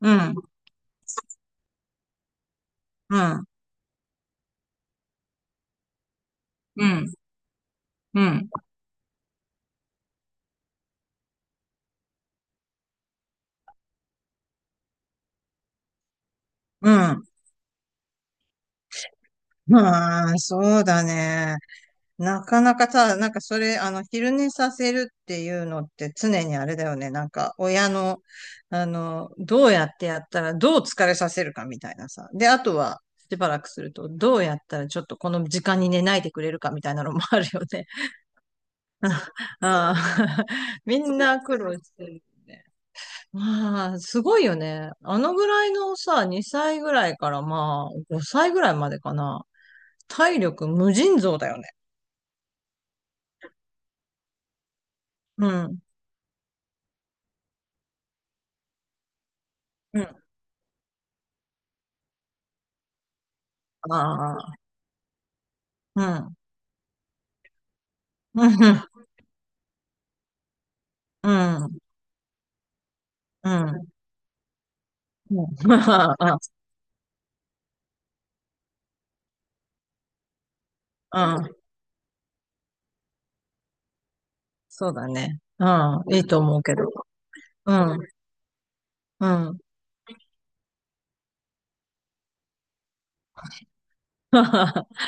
うん、うん、うん、うん。うん。まあ、そうだね。なかなかさ、なんかそれ、昼寝させるっていうのって常にあれだよね。なんか、親の、どうやってやったら、どう疲れさせるかみたいなさ。で、あとは、しばらくすると、どうやったらちょっとこの時間に寝ないでくれるかみたいなのもあるよね。ああ、みんな苦労してるね。まあ、すごいよね。あのぐらいのさ、2歳ぐらいからまあ、5歳ぐらいまでかな。体力無尽蔵だよね。うん。うん。ああ、うん。うん。うん。うん。うん。まあ、うん。そうだね。うん。いいと思うけど。うん。うん。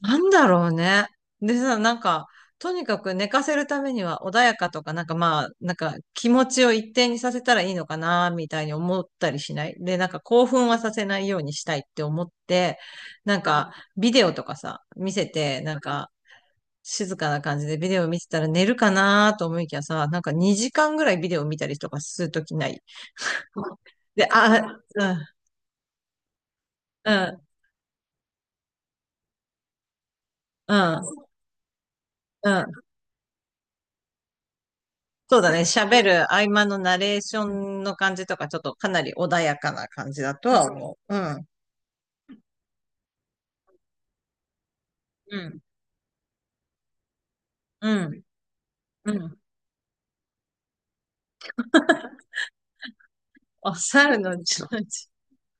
なんだろうね。でさ、なんか、とにかく寝かせるためには穏やかとか、なんかまあ、なんか気持ちを一定にさせたらいいのかな、みたいに思ったりしない？で、なんか興奮はさせないようにしたいって思って、なんかビデオとかさ、見せて、なんか静かな感じでビデオ見てたら寝るかなと思いきやさ、なんか2時間ぐらいビデオ見たりとかするときない？で、あ、うん、うん、うん、うん。そうだね。喋る合間のナレーションの感じとか、ちょっとかなり穏やかな感じだとは思う。うん。うん。うん。うん。お猿のジョージ、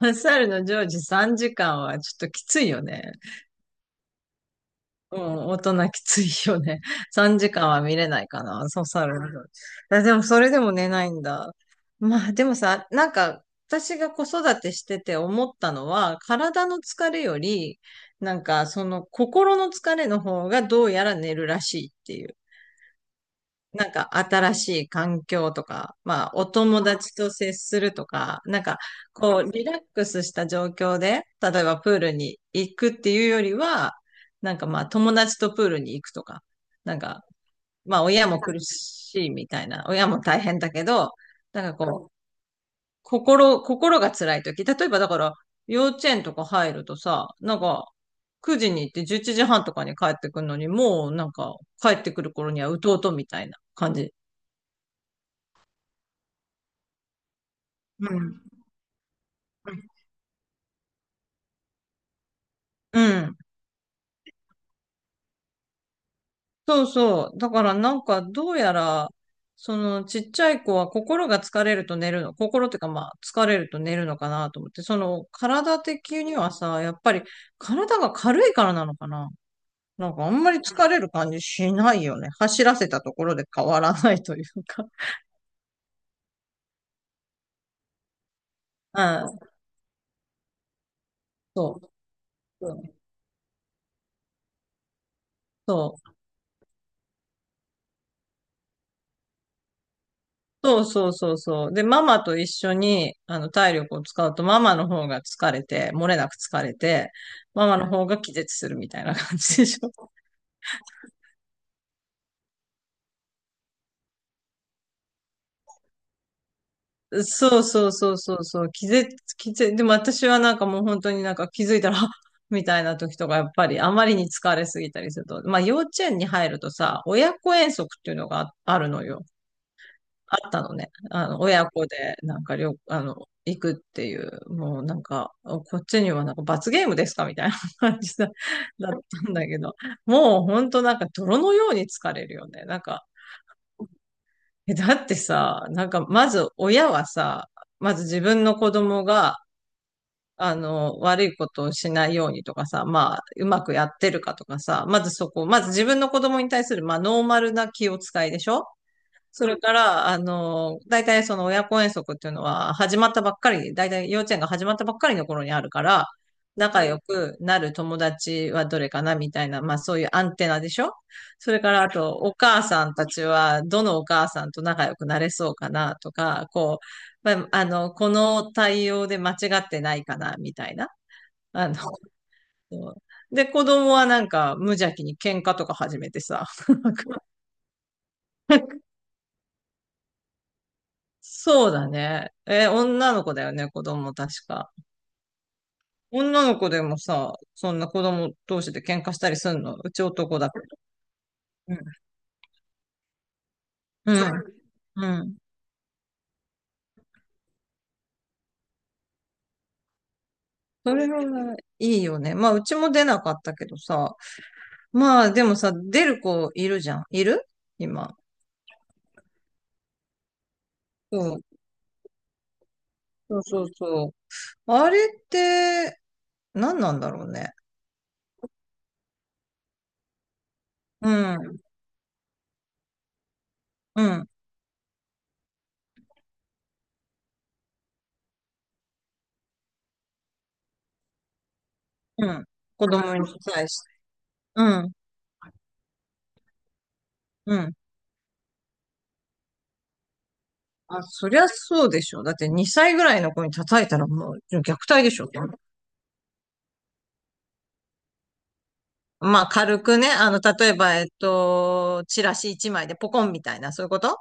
お猿のジョージ3時間はちょっときついよね。うん、大人きついよね。3時間は見れないかな。そうさる部あでも、それでも寝ないんだ。まあ、でもさ、なんか、私が子育てしてて思ったのは、体の疲れより、なんか、その心の疲れの方がどうやら寝るらしいっていなんか新しい環境とか、まあお友達と接するとか、なんかこうリラックスした状況で、例えばプールに行くっていうよりは、なんかまあ友達とプールに行くとか、なんかまあ親も苦しいみたいな、親も大変だけど、なんかこう、心が辛い時、例えばだから幼稚園とか入るとさ、なんか9時に行って11時半とかに帰ってくるのに、もうなんか帰ってくる頃にはうとうとみたいな感じ。うん。うん。そうそう。だからなんかどうやら、そのちっちゃい子は心が疲れると寝るの。心っていうかまあ疲れると寝るのかなと思って。その体的にはさ、やっぱり体が軽いからなのかな。なんかあんまり疲れる感じしないよね。走らせたところで変わらないというか。うん。そう。そう。そうそうそうそう。で、ママと一緒に、体力を使うと、ママの方が疲れて、漏れなく疲れて、ママの方が気絶するみたいな感じでしょ。そうそうそうそうそう。気絶、でも私はなんかもう本当になんか気づいたら、あみたいな時とか、やっぱりあまりに疲れすぎたりすると、まあ幼稚園に入るとさ、親子遠足っていうのがあるのよ。あったのね。親子で、なんか、旅、あの、行くっていう、もうなんか、こっちにはなんか罰ゲームですかみたいな感じだったんだけど、もうほんとなんか泥のように疲れるよね。なんか、だってさ、なんか、まず親はさ、まず自分の子供が、悪いことをしないようにとかさ、まあ、うまくやってるかとかさ、まずそこ、まず自分の子供に対する、まあ、ノーマルな気を使いでしょ？それから、大体その親子遠足っていうのは始まったばっかり、大体幼稚園が始まったばっかりの頃にあるから、仲良くなる友達はどれかなみたいな、まあそういうアンテナでしょ？それからあと、お母さんたちは、どのお母さんと仲良くなれそうかなとか、こう、まあ、この対応で間違ってないかなみたいな。あの、そうで、子供はなんか無邪気に喧嘩とか始めてさ、そうだね。え、女の子だよね、子供確か。女の子でもさ、そんな子供同士で喧嘩したりすんのうち男だけど。うん。うん。うん。それはいいよね。まあ、うちも出なかったけどさ。まあ、でもさ、出る子いるじゃん。いる今。そう。そうそうそう。あれって、何なんだろうね。うん。うん。うん。子供に対して。うん。うん。あ、そりゃそうでしょ。だって2歳ぐらいの子に叩いたらもう虐待でしょ。まあ軽くね、例えば、チラシ1枚でポコンみたいな、そういうこと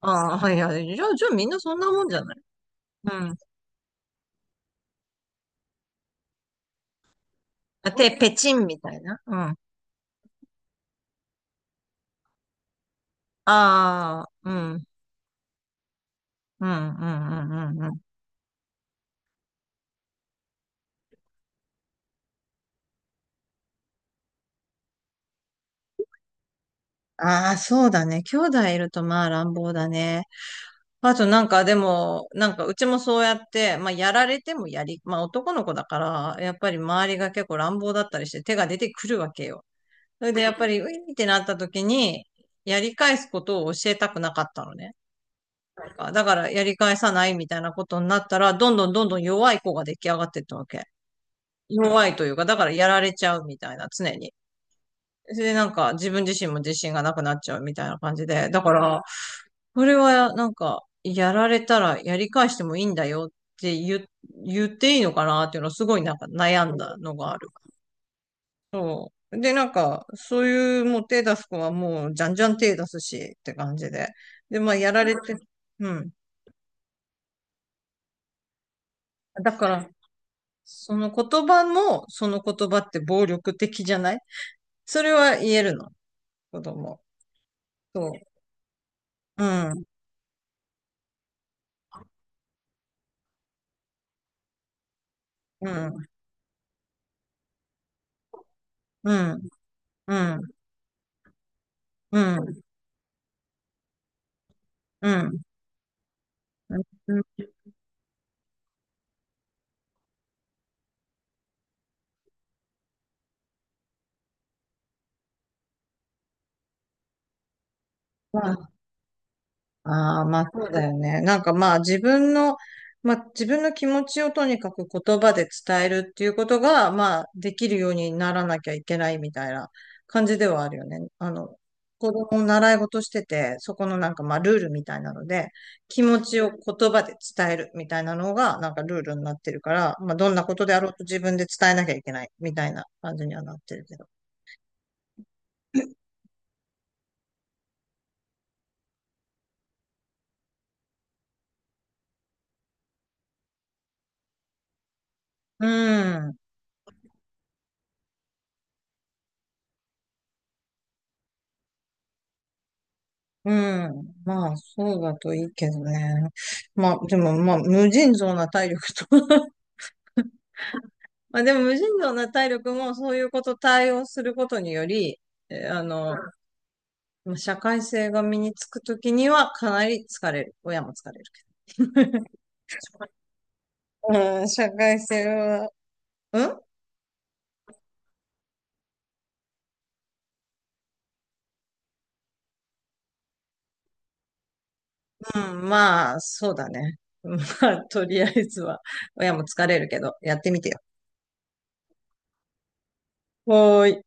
ああ、いや、じゃあ、じゃあみんなそんなもんじゃない？うん。あ、ペチンみたいな。うん。ああ、うん。うん、うん、うん、うん、うん。ああ、そうだね。兄弟いるとまあ乱暴だね。あとなんかでも、なんかうちもそうやって、まあやられてもまあ男の子だから、やっぱり周りが結構乱暴だったりして手が出てくるわけよ。それでやっぱり、ういってなった時に、やり返すことを教えたくなかったのね。なんか、だからやり返さないみたいなことになったら、どんどんどんどん弱い子が出来上がってったわけ。弱いというか、だからやられちゃうみたいな、常に。それでなんか自分自身も自信がなくなっちゃうみたいな感じで。だから、それは、なんか、やられたらやり返してもいいんだよって言っていいのかなっていうのはすごいなんか悩んだのがある。そう。で、なんか、そういうもう手出す子はもうじゃんじゃん手出すしって感じで。で、まあ、やられて、うん。だから、その言葉も、その言葉って暴力的じゃない？それは言えるの、子供。そう。うん、うん、うん、うん、うん、うん。うん。ああ、まあそうだよね。なんかまあ自分の気持ちをとにかく言葉で伝えるっていうことが、まあできるようにならなきゃいけないみたいな感じではあるよね。子供を習い事してて、そこのなんかまあルールみたいなので、気持ちを言葉で伝えるみたいなのがなんかルールになってるから、まあどんなことであろうと自分で伝えなきゃいけないみたいな感じにはなってるけど。うん。うん。まあ、そうだといいけどね。まあ、でも、まあ、無尽蔵な体力と まあ、でも、無尽蔵な体力も、そういうこと対応することにより、えあの、まあ社会性が身につくときには、かなり疲れる。親も疲れるけど。うん、社会性は、うんうん、まあ、そうだね。まあ、とりあえずは、親も疲れるけど、やってみてよ。はーい。